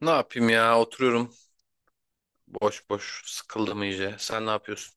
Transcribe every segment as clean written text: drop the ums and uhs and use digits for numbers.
Ne yapayım ya? Oturuyorum boş boş. Sıkıldım iyice. Sen ne yapıyorsun?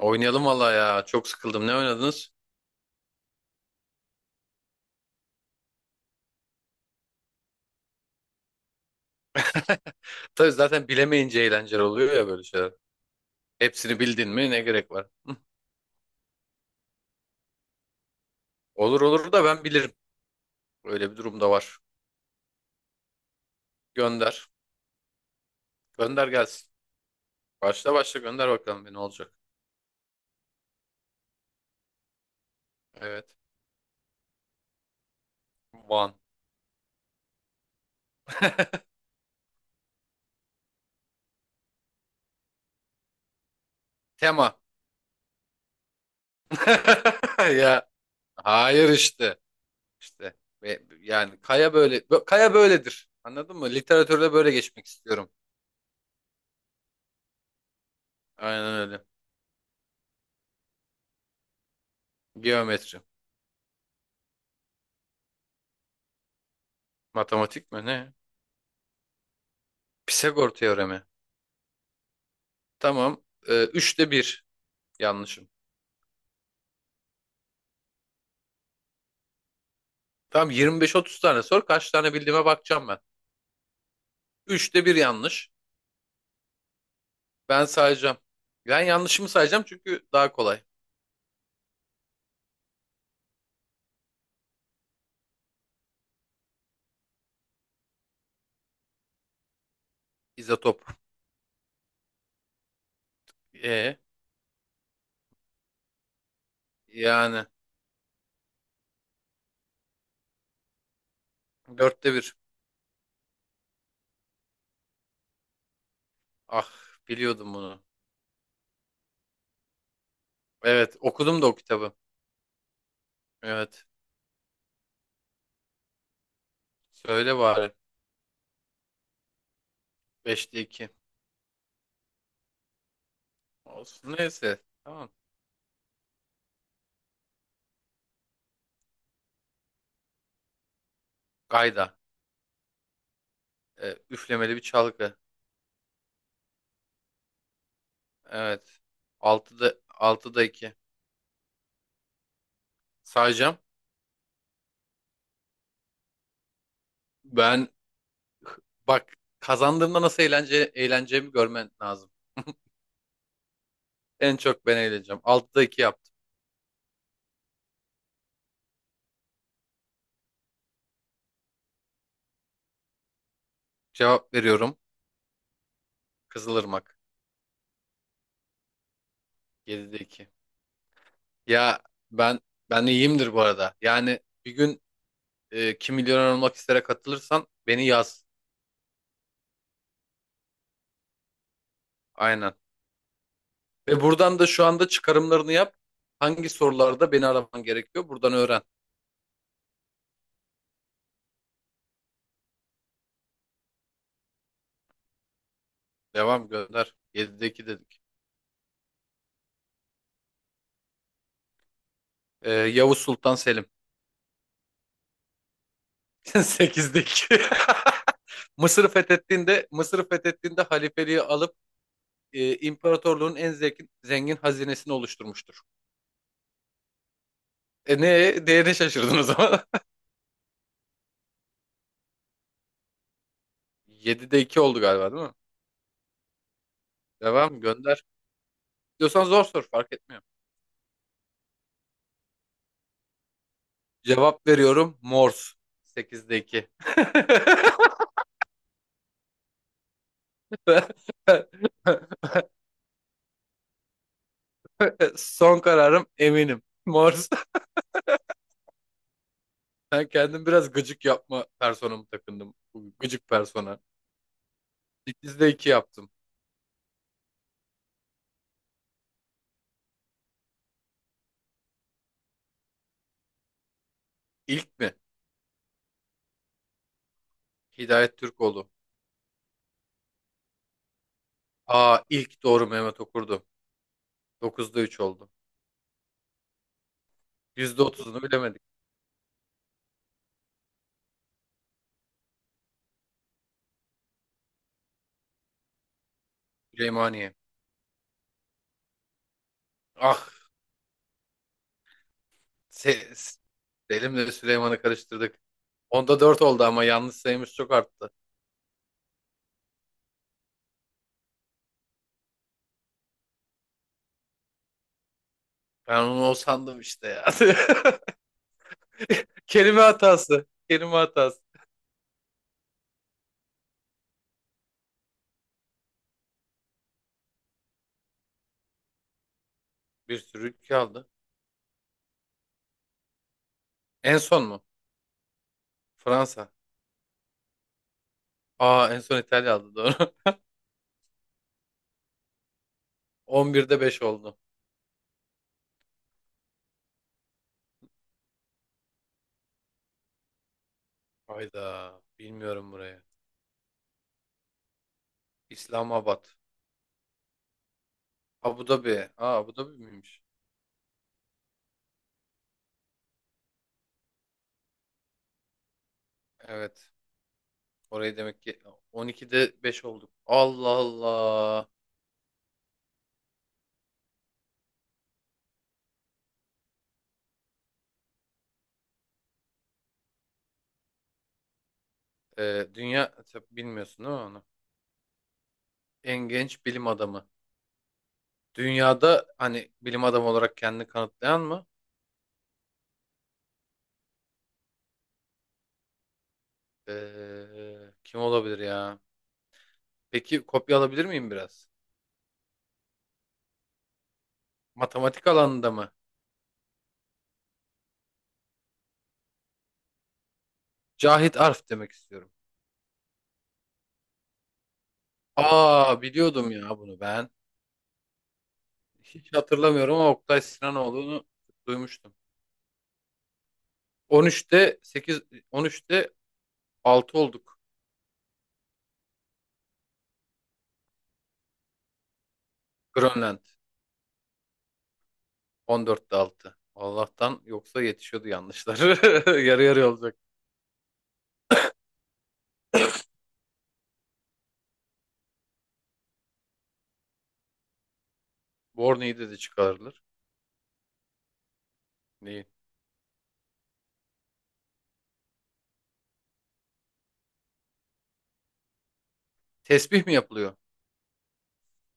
Oynayalım valla ya. Çok sıkıldım. Ne oynadınız? Tabii zaten bilemeyince eğlenceli oluyor ya böyle şeyler. Hepsini bildin mi ne gerek var? Hı. Olur olur da ben bilirim. Öyle bir durum da var. Gönder. Gönder gelsin. Başla başla gönder bakalım bir olacak. Evet. One. Tema. Ya hayır işte. İşte yani kaya kaya böyledir. Anladın mı? Literatürde böyle geçmek istiyorum. Aynen öyle. Geometri. Matematik mi ne? Pisagor teoremi. Tamam. Üçte bir yanlışım. Tamam, 25-30 tane sor. Kaç tane bildiğime bakacağım ben. Üçte bir yanlış. Ben sayacağım. Ben yanlışımı sayacağım çünkü daha kolay. İzotop. E, yani dörtte bir. Ah, biliyordum bunu. Evet, okudum da o kitabı. Evet. Söyle bari. Beşte iki. Olsun. Neyse. Tamam. Gayda. Üflemeli bir çalgı. Evet. Altıda 2. Sağacağım. Ben bak, kazandığımda nasıl eğleneceğimi görmen lazım. En çok ben eğleneceğim. Altıda 2 yaptım. Cevap veriyorum. Kızılırmak. 7'de iki. Ya ben Ben iyiyimdir bu arada. Yani bir gün Kim Milyoner Olmak istere katılırsan beni yaz. Aynen. Ve buradan da şu anda çıkarımlarını yap. Hangi sorularda beni araman gerekiyor? Buradan öğren. Devam gönder. 7'de 2 dedik. Yavuz Sultan Selim. Sekizdeki. Mısır'ı fethettiğinde halifeliği alıp imparatorluğun en zengin hazinesini oluşturmuştur. E, ne değerine şaşırdın o zaman. 7'de 2 oldu galiba değil mi? Devam gönder. Diyorsan zor sor, fark etmiyor. Cevap veriyorum, Morse. 8'de 2. Son kararım eminim. Morse. Ben kendim biraz gıcık yapma personamı takındım. Gıcık persona. 8'de 2 yaptım. İlk mi? Hidayet Türkoğlu. Aa, ilk doğru Mehmet Okur'du. Dokuzda 3 oldu. Yüzde otuzunu bilemedik. Süleymaniye. Ah, se- s- Selim'le Süleyman'ı karıştırdık. Onda 4 oldu ama yanlış sayımız çok arttı. Ben onu o sandım işte ya. Kelime hatası. Kelime hatası. Bir sürü ülke aldı. En son mu? Fransa. Aa, en son İtalya aldı, doğru. On birde beş oldu. Hayda. Bilmiyorum buraya. İslamabad. Abu Dhabi. Aa, Abu Dhabi miymiş? Evet. Orayı demek ki, 12'de 5 olduk. Allah Allah. Dünya, tabii bilmiyorsun değil mi onu? En genç bilim adamı. Dünyada hani bilim adamı olarak kendini kanıtlayan mı? Kim olabilir ya? Peki kopya alabilir miyim biraz? Matematik alanında mı? Cahit Arf demek istiyorum. Aa, biliyordum ya bunu ben. Hiç hatırlamıyorum ama Oktay Sinanoğlu'nu duymuştum. 13'te 8 13'te 6 olduk. Grönland. 14'te 6. Allah'tan yoksa yetişiyordu yanlışlar. Yarı yarıya olacak. Borne'yi de çıkarılır. Neyi? Tesbih mi yapılıyor?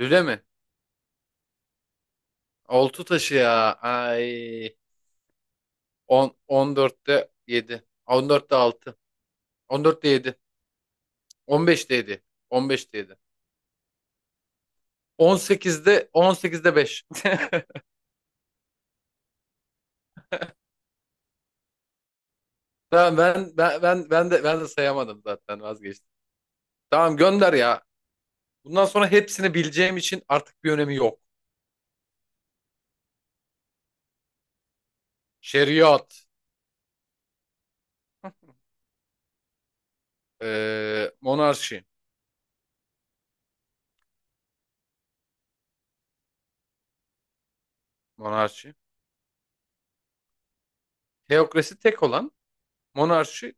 Lüle mi? Oltu taşı ya. Ay. 10, 14'te 7. 14'te 6. 7. 15'te yedi. 15'te 7. 18'de 5. Tamam, ben de sayamadım zaten, vazgeçtim. Tamam, gönder ya. Bundan sonra hepsini bileceğim için artık bir önemi yok. Şeriat, monarşi. Monarşi. Teokrasi tek olan, monarşi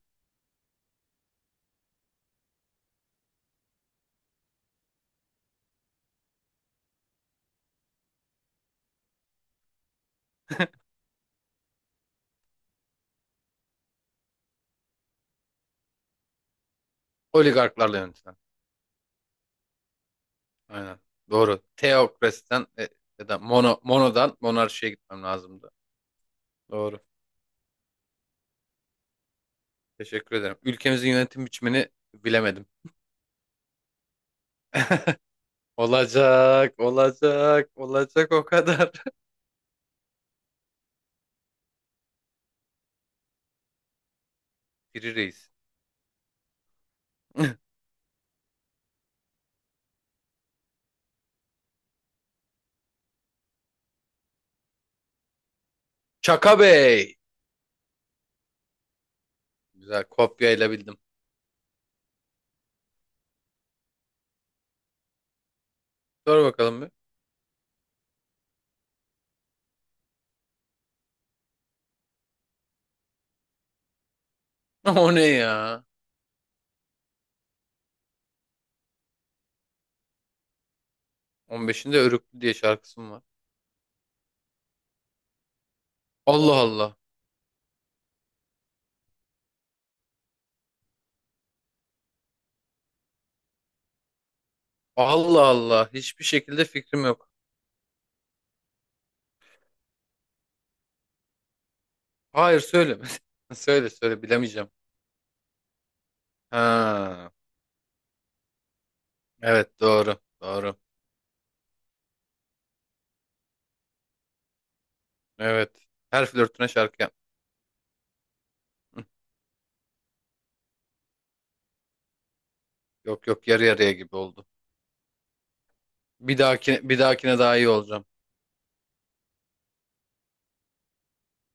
oligarklarla yönetilen. Aynen. Doğru. Teokrasiden ya da monodan monarşiye gitmem lazımdı. Doğru. Teşekkür ederim. Ülkemizin yönetim biçimini bilemedim. Olacak, olacak, olacak o kadar. Biri reis. Çaka Bey. Güzel kopyayla bildim. Sor bakalım bir. O ne ya? 15'inde Örüklü diye şarkısım var. Allah Allah. Allah Allah. Hiçbir şekilde fikrim yok. Hayır, söyle. Söyle söyle bilemeyeceğim. Ha, evet doğru. Doğru. Evet. Her flörtüne şarkı yap. Hı. Yok yok, yarı yarıya gibi oldu. Bir dahakine daha iyi olacağım.